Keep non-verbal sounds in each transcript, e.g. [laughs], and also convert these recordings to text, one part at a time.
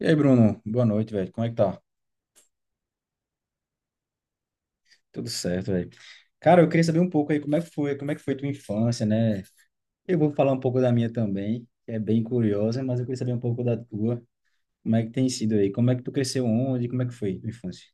E aí, Bruno? Boa noite, velho. Como é que tá? Tudo certo, velho. Cara, eu queria saber um pouco aí como é que foi, como é que foi tua infância, né? Eu vou falar um pouco da minha também, que é bem curiosa, mas eu queria saber um pouco da tua. Como é que tem sido aí? Como é que tu cresceu onde? Como é que foi tua infância?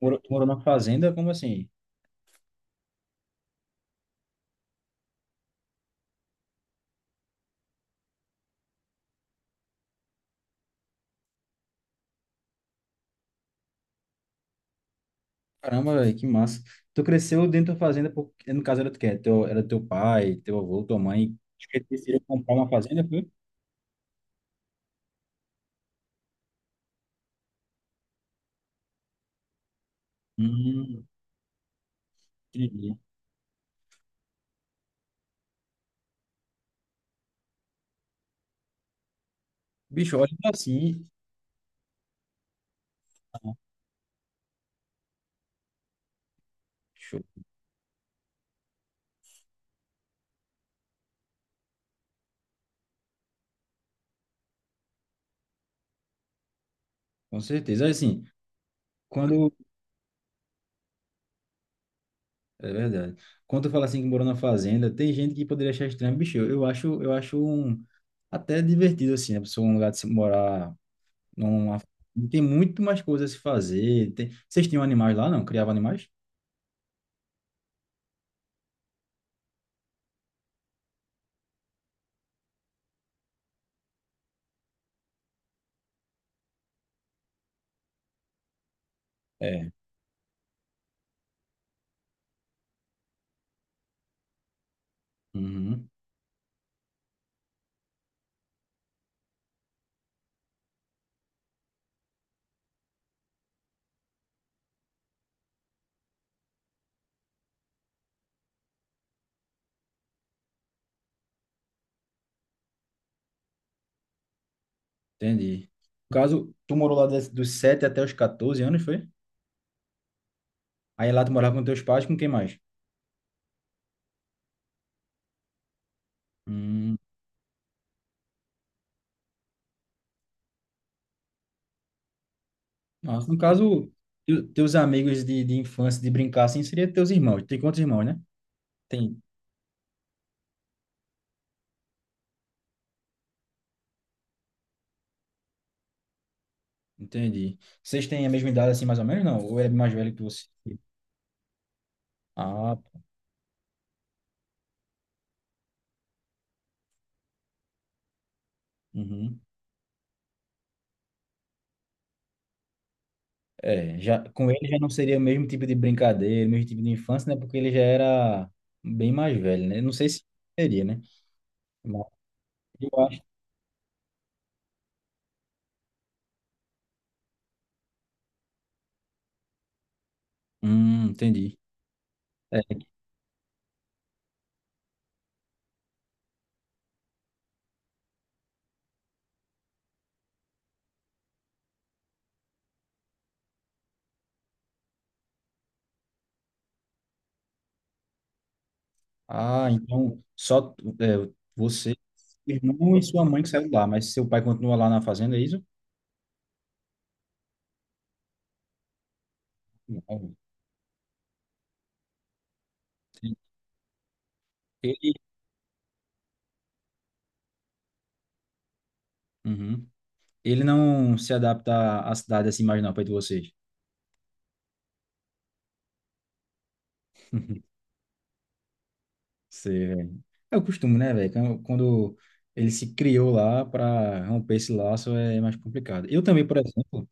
Morou, tu morou numa fazenda? Como assim? Caramba, velho, que massa. Tu cresceu dentro da fazenda, porque, no caso era tu quê? Teu, era teu pai, teu avô, tua mãe. Acho que decidiram comprar uma fazenda, foi? Hum, entendi. Bicho, olha assim. Show. Com certeza. Assim, quando É verdade. Quando tu fala assim que morou na fazenda, tem gente que poderia achar estranho, bicho. Eu acho, eu acho um, até divertido assim, a pessoa um lugar de se morar numa tem muito mais coisas a se fazer. Tem... Vocês tinham animais lá, não? Criavam animais? É, uhum, entendi. No caso, tu morou lá des- dos 7 até os 14 anos, foi? Aí lá tu morava com teus pais, com quem mais? Hum, nossa, no caso, teus amigos de infância, de brincar assim, seria teus irmãos. Tem quantos irmãos, né? Tem entendi. Vocês têm a mesma idade, assim, mais ou menos, não? Ou ele é mais velho que você? Ah, pô. Uhum. É, já, com ele já não seria o mesmo tipo de brincadeira, o mesmo tipo de infância, né? Porque ele já era bem mais velho, né? Não sei se seria, né? Mas eu acho. Entendi. É. Ah, então só é, você, seu irmão e sua mãe que saiu lá, mas seu pai continua lá na fazenda, é isso? Não. Ele, uhum. Ele não se adapta à cidade assim mais não, perto de vocês. Você é o costume, né, velho? Quando ele se criou lá para romper esse laço é mais complicado. Eu também, por exemplo,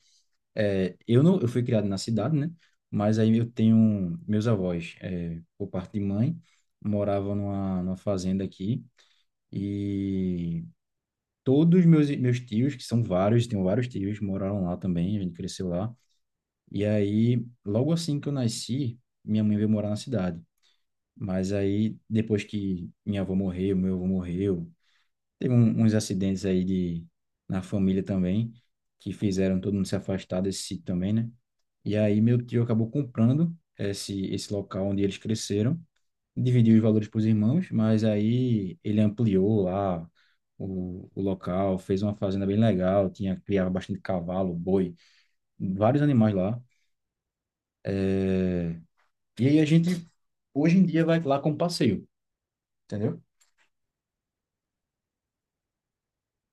é, eu não, eu fui criado na cidade, né? Mas aí eu tenho meus avós, é, por parte de mãe, moravam numa fazenda aqui e todos meus tios, que são vários, tenho vários tios, moraram lá também. A gente cresceu lá. E aí, logo assim que eu nasci, minha mãe veio morar na cidade. Mas aí, depois que minha avó morreu, meu avô morreu teve uns acidentes aí de, na família também, que fizeram todo mundo se afastar desse sítio também, né? E aí meu tio acabou comprando esse local onde eles cresceram, dividiu os valores para os irmãos, mas aí ele ampliou lá o local, fez uma fazenda bem legal, tinha, criava bastante cavalo, boi, vários animais lá. E aí a gente, hoje em dia, vai lá como passeio, entendeu?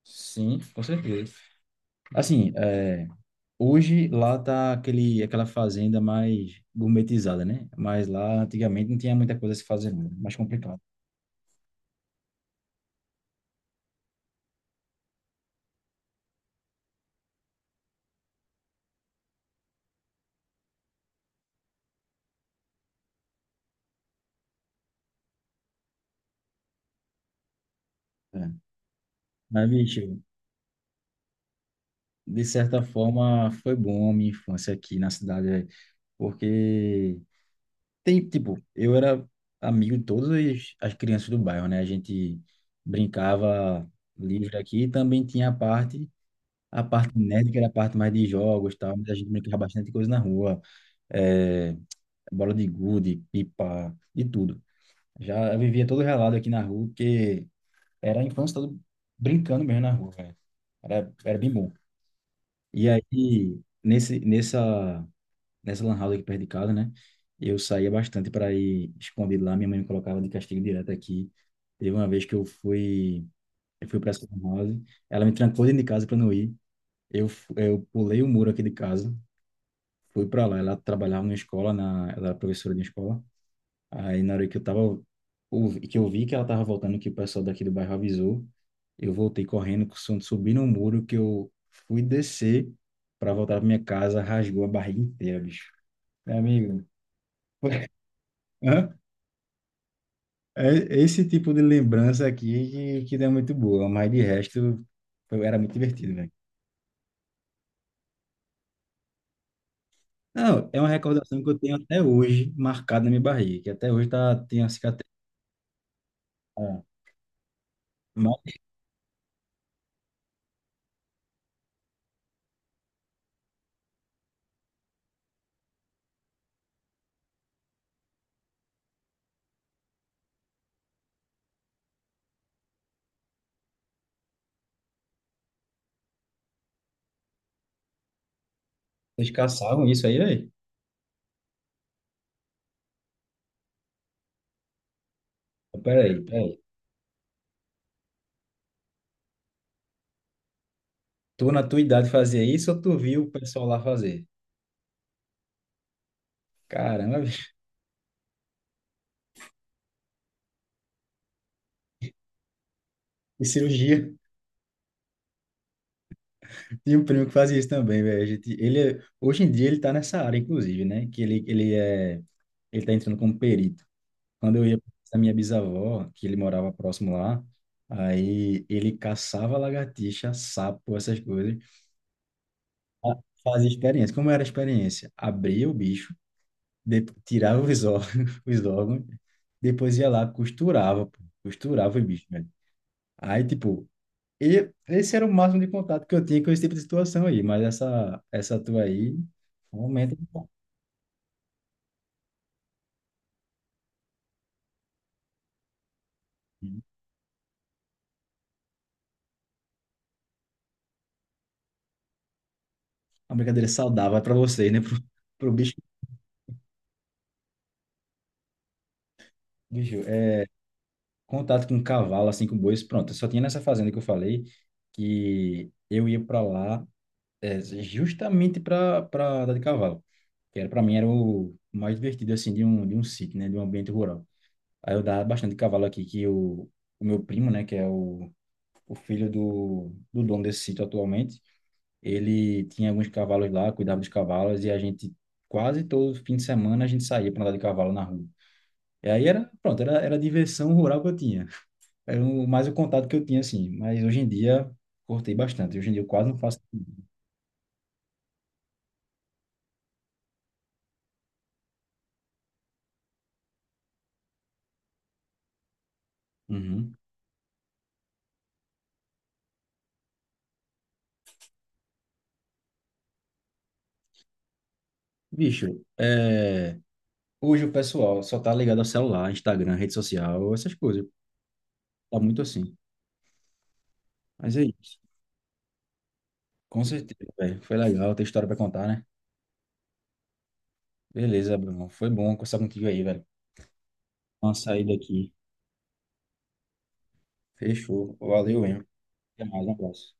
Sim, com certeza. Assim, é hoje lá tá aquele, aquela fazenda mais gourmetizada, né? Mas lá antigamente não tinha muita coisa a se fazer, não, era mais complicado. É. Mas, bicho, de certa forma foi bom a minha infância aqui na cidade, velho, porque tem, tipo, eu era amigo de todas as crianças do bairro, né? A gente brincava livre aqui e também tinha a parte nerd, que era a parte mais de jogos, e tal, mas a gente brincava bastante coisa na rua, é, bola de gude, pipa, de tudo. Já eu vivia todo relado aqui na rua, porque era a infância toda brincando mesmo na rua, velho. Era, era bem bom. E aí, nessa lan house aqui perto de casa, né? Eu saía bastante para ir escondido lá. Minha mãe me colocava de castigo direto aqui. Teve uma vez que eu fui para essa lan house. Ela me trancou dentro de casa para não ir. Eu, eu pulei o muro aqui de casa, fui para lá. Ela trabalhava numa escola, na, ela era professora de escola. Aí na hora que eu tava, que eu vi que ela tava voltando, que o pessoal daqui do bairro avisou, eu voltei correndo, com o som de subir no muro, que eu fui descer para voltar pra minha casa, rasgou a barriga inteira, bicho. Meu amigo, foi- [laughs] hã? É esse tipo de lembrança aqui que não é muito boa, mas de resto era muito divertido, velho. Não, é uma recordação que eu tenho até hoje marcada na minha barriga, que até hoje tá, tem a cicatriz. Ah, mas vocês caçavam isso aí, velho? Peraí, peraí. Tu, na tua idade, fazia isso ou tu viu o pessoal lá fazer? Caramba, [laughs] bicho. E cirurgia. Tinha um primo que fazia isso também, velho. A gente- Ele, hoje em dia ele tá nessa área, inclusive, né? Que ele é, ele tá entrando como perito. Quando eu ia pra minha bisavó, que ele morava próximo lá, aí ele caçava lagartixa, sapo, essas coisas. Ah, fazia experiência. Como era a experiência? Abria o bicho, tirava os órgãos, [laughs] os órgãos, depois ia lá, costurava, pô. Costurava o bicho, velho. Aí, tipo, e esse era o máximo de contato que eu tinha com esse tipo de situação aí, mas essa tua aí, realmente, uma brincadeira saudável para vocês, né? [laughs] Pro, pro bicho, bicho, é, contato com um cavalo, assim, com bois, pronto. Eu só tinha nessa fazenda que eu falei que eu ia para lá é, justamente para andar de cavalo, que era para mim era o mais divertido, assim, de um sítio, né? De um ambiente rural. Aí eu dava bastante de cavalo aqui, que o meu primo, né? Que é o filho do, do dono desse sítio atualmente, ele tinha alguns cavalos lá, cuidava dos cavalos, e a gente, quase todo fim de semana, a gente saía para andar de cavalo na rua. E aí era, pronto, era, era a diversão rural que eu tinha. Era o, mais o contato que eu tinha, assim. Mas hoje em dia, cortei bastante. Hoje em dia eu quase não faço. Uhum. Bicho, é... hoje o pessoal só tá ligado ao celular, Instagram, rede social, essas coisas. Tá muito assim. Mas é isso. Com certeza, velho. Foi legal ter história pra contar, né? Beleza, Bruno. Foi bom conversar contigo aí, velho. Uma saída aqui. Fechou. Valeu, hein? Até mais, um abraço.